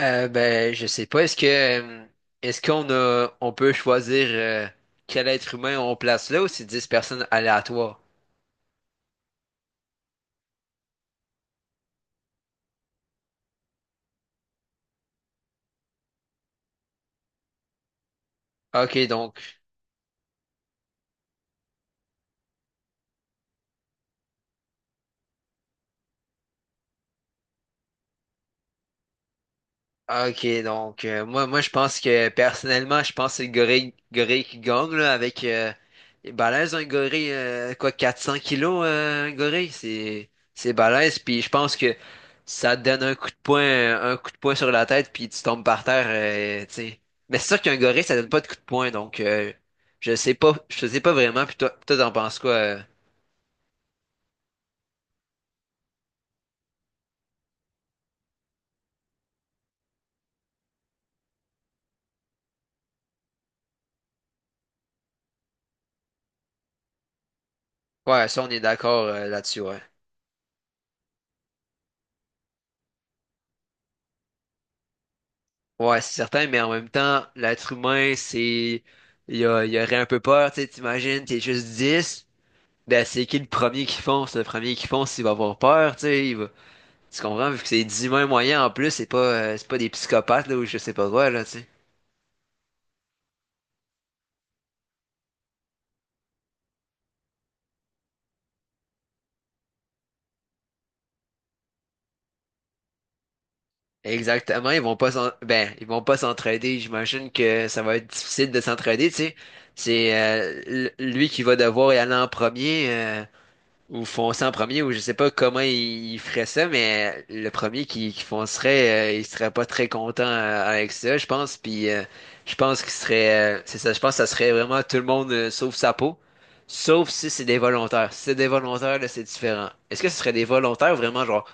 Je sais pas. Est-ce qu'on a on peut choisir quel être humain on place là, ou c'est 10 personnes aléatoires? Ok, donc. Ah, ok, donc moi, je pense que personnellement, je pense que c'est le gorille, gorille qui gagne là, avec il est balèze un gorille, quoi, 400 kilos , un gorille, c'est balèze. Puis je pense que ça te donne un coup de poing, un coup de poing sur la tête, puis tu tombes par terre, tu sais. Mais c'est sûr qu'un gorille, ça donne pas de coup de poing, donc. Je sais pas, je sais pas vraiment. Puis toi, t'en penses quoi? Ouais, ça on est d'accord là-dessus, ouais. Ouais, c'est certain, mais en même temps, l'être humain, c'est. il y aurait un peu peur, tu sais, t'imagines, t'es juste dix, ben c'est qui le premier qui fonce? Le premier qui fonce, il va avoir peur, tu sais, il va... Tu comprends? Vu que c'est 10 humains moyens en plus, c'est pas des psychopathes, là, ou je sais pas quoi, là, tu sais. Exactement, ils vont pas s'en... ben, ils vont pas s'entraider, j'imagine que ça va être difficile de s'entraider, tu sais. C'est lui qui va devoir y aller en premier, ou foncer en premier, ou je sais pas comment ils feraient ça, mais le premier qui foncerait, il serait pas très content avec ça, je pense. Puis je pense qu'il serait, c'est ça, je pense que ça serait vraiment tout le monde sauf sa peau, sauf si c'est des volontaires. Si c'est des volontaires, là, c'est différent. Est-ce que ce serait des volontaires ou vraiment genre,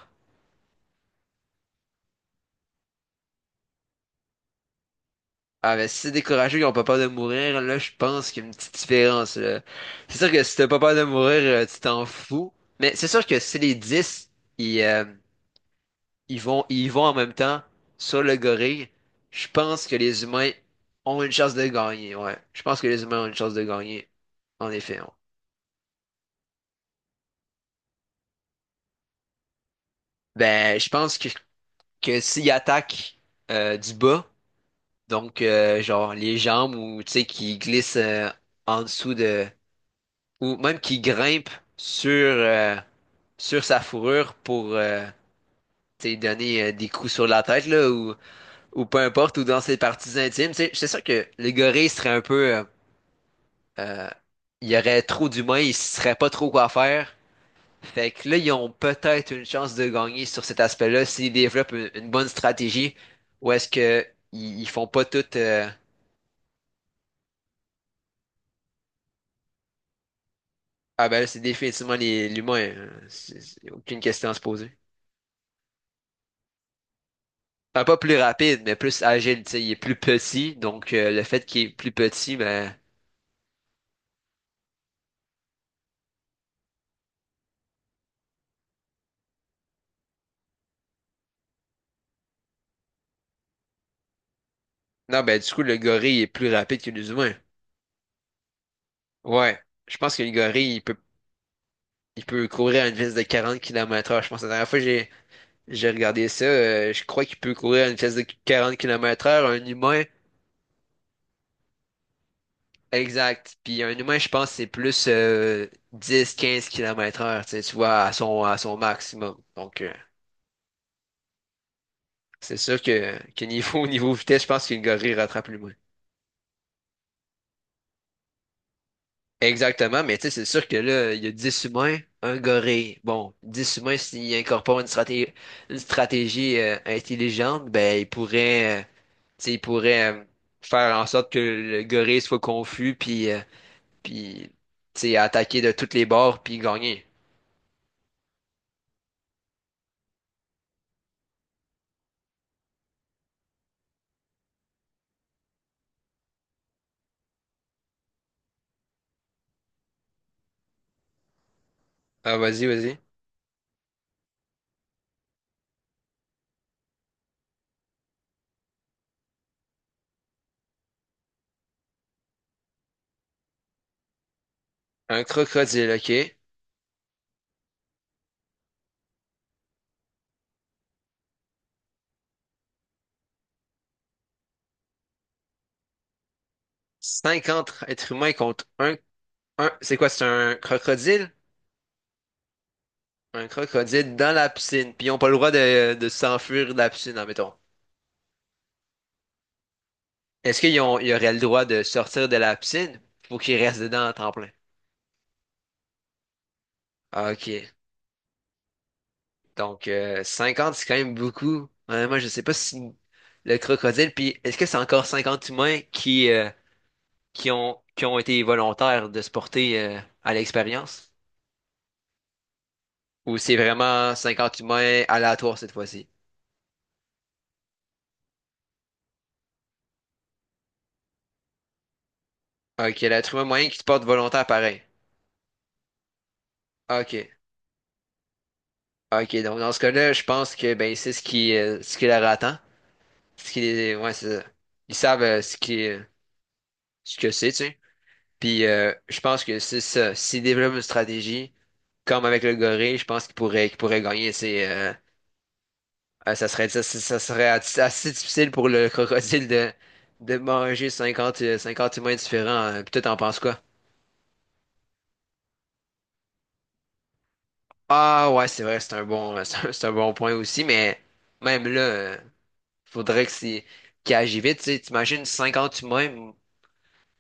ah ben si c'est des courageux, ils ont pas peur de mourir, là, je pense qu'il y a une petite différence. Là. C'est sûr que si t'as pas peur de mourir, tu t'en fous. Mais c'est sûr que si les 10 ils, euh, ils vont, ils vont en même temps sur le gorille. Je pense que les humains ont une chance de gagner, ouais. Je pense que les humains ont une chance de gagner, en effet, ouais. Ben, que s'ils attaquent du bas, donc genre les jambes, ou tu sais qui glissent en dessous, de ou même qui grimpent sur euh, sur sa fourrure pour, tu sais, donner des coups sur la tête là, ou peu importe, ou dans ses parties intimes, tu sais, c'est sûr que le gorille serait un peu Euh, il y aurait trop d'humains, ils ne sauraient pas trop quoi faire. Fait que là, ils ont peut-être une chance de gagner sur cet aspect-là s'ils développent une bonne stratégie, ou est-ce que ils font pas tout ah ben là, c'est définitivement l'humain, hein. C'est aucune question à se poser. Enfin, pas plus rapide, mais plus agile, tu sais, il est plus petit, donc le fait qu'il est plus petit, ben. Non, ben du coup, le gorille est plus rapide que les humains. Ouais. Je pense que le gorille, il peut courir à une vitesse de 40 kilomètres heure. Je pense que la dernière fois, J'ai regardé ça, je crois qu'il peut courir à une vitesse de 40 kilomètres heure, un humain, exact. Puis un humain, je pense, c'est plus 10-15 km heure, tu sais, tu vois, à son maximum. Donc, c'est sûr que niveau, niveau vitesse, je pense qu'une gorille rattrape l'humain. Exactement, mais tu sais, c'est sûr que là, il y a 10 humains, un gorille. Bon, 10 humains, s'ils incorporent une stratégie intelligente, ben, ils pourraient, tu sais, ils pourraient faire en sorte que le gorille soit confus, puis tu sais, attaquer de toutes les bords, puis gagner. Ah, vas-y, vas-y. Un crocodile, ok. Cinquante êtres humains contre un, c'est quoi, c'est un crocodile? Un crocodile dans la piscine, puis ils ont pas le droit de s'enfuir de la piscine, admettons. Est-ce qu'ils ont, ils auraient le droit de sortir de la piscine? Faut qu'ils restent dedans à temps plein. Ah, ok. Donc, 50, c'est quand même beaucoup. Moi, je sais pas si le crocodile, puis est-ce que c'est encore 50 humains qui ont été volontaires de se porter à l'expérience? Ou c'est vraiment 50 humains aléatoires cette fois-ci? Ok, l'être humain moyen qui se porte volontaire pareil. Ok. Ok, donc dans ce cas-là, je pense que ben c'est ce qui leur attend. Ouais, c'est ça. Ils savent ce qui ce que c'est, tu sais. Puis je pense que c'est ça. S'ils développent une stratégie, comme avec le gorille, je pense qu'ils pourraient gagner, tu sais, ah, ça serait, ça serait assez difficile pour le crocodile de manger 50 50 humains différents, hein. Puis toi, t'en penses quoi? Ah ouais, c'est vrai, c'est un bon, c'est un bon point aussi, mais même là, faudrait que c'est qu'il agit vite. Tu sais, t'imagines 50 humains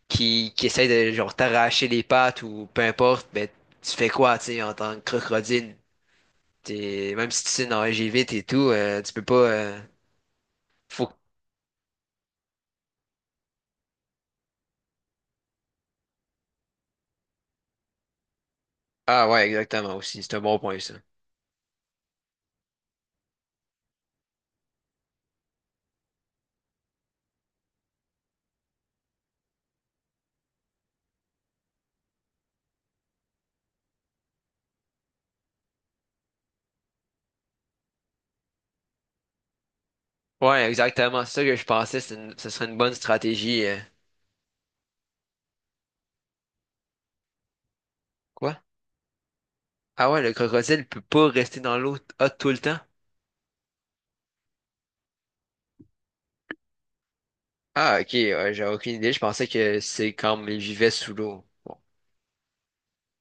qui essaient de genre t'arracher les pattes ou peu importe, ben tu fais quoi, tu sais, en tant que crocodile? T'es, même si tu sais nager vite et tout, tu peux pas. faut... Ah ouais, exactement aussi, c'est un bon point ça. Ouais, exactement. C'est ça que je pensais. Ce serait une bonne stratégie. Quoi? Ah ouais, le crocodile peut pas rester dans l'eau t- hot tout le temps? Ah, ok. Ouais, j'avais aucune idée. Je pensais que c'est comme il vivait sous l'eau. Bon.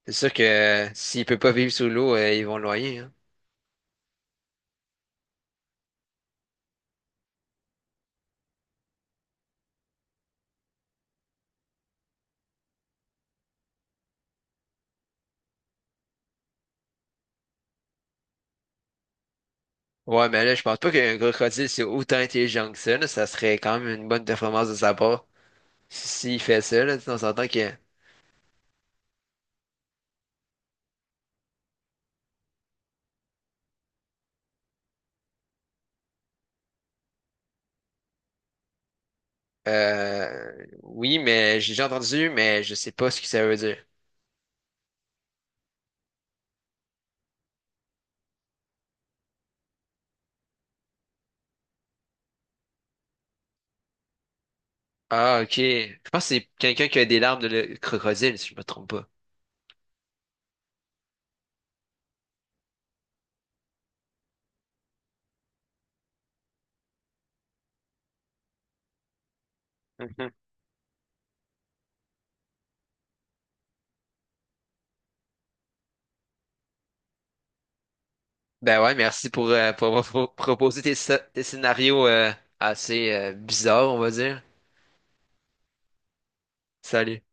C'est sûr que s'il peut pas vivre sous l'eau, ils vont le noyer, hein. Ouais, mais là, je pense pas qu'un crocodile, c'est autant intelligent que ça. Là. Ça serait quand même une bonne performance de sa part. Si, S'il fait ça, là, on s'entend que... Oui, mais j'ai déjà entendu, mais je sais pas ce que ça veut dire. Ah, ok. Je pense que c'est quelqu'un qui a des larmes de crocodile, si je me trompe pas. Mhm. Ben ouais, merci pour avoir proposé tes, tes scénarios assez bizarres, on va dire. Salut.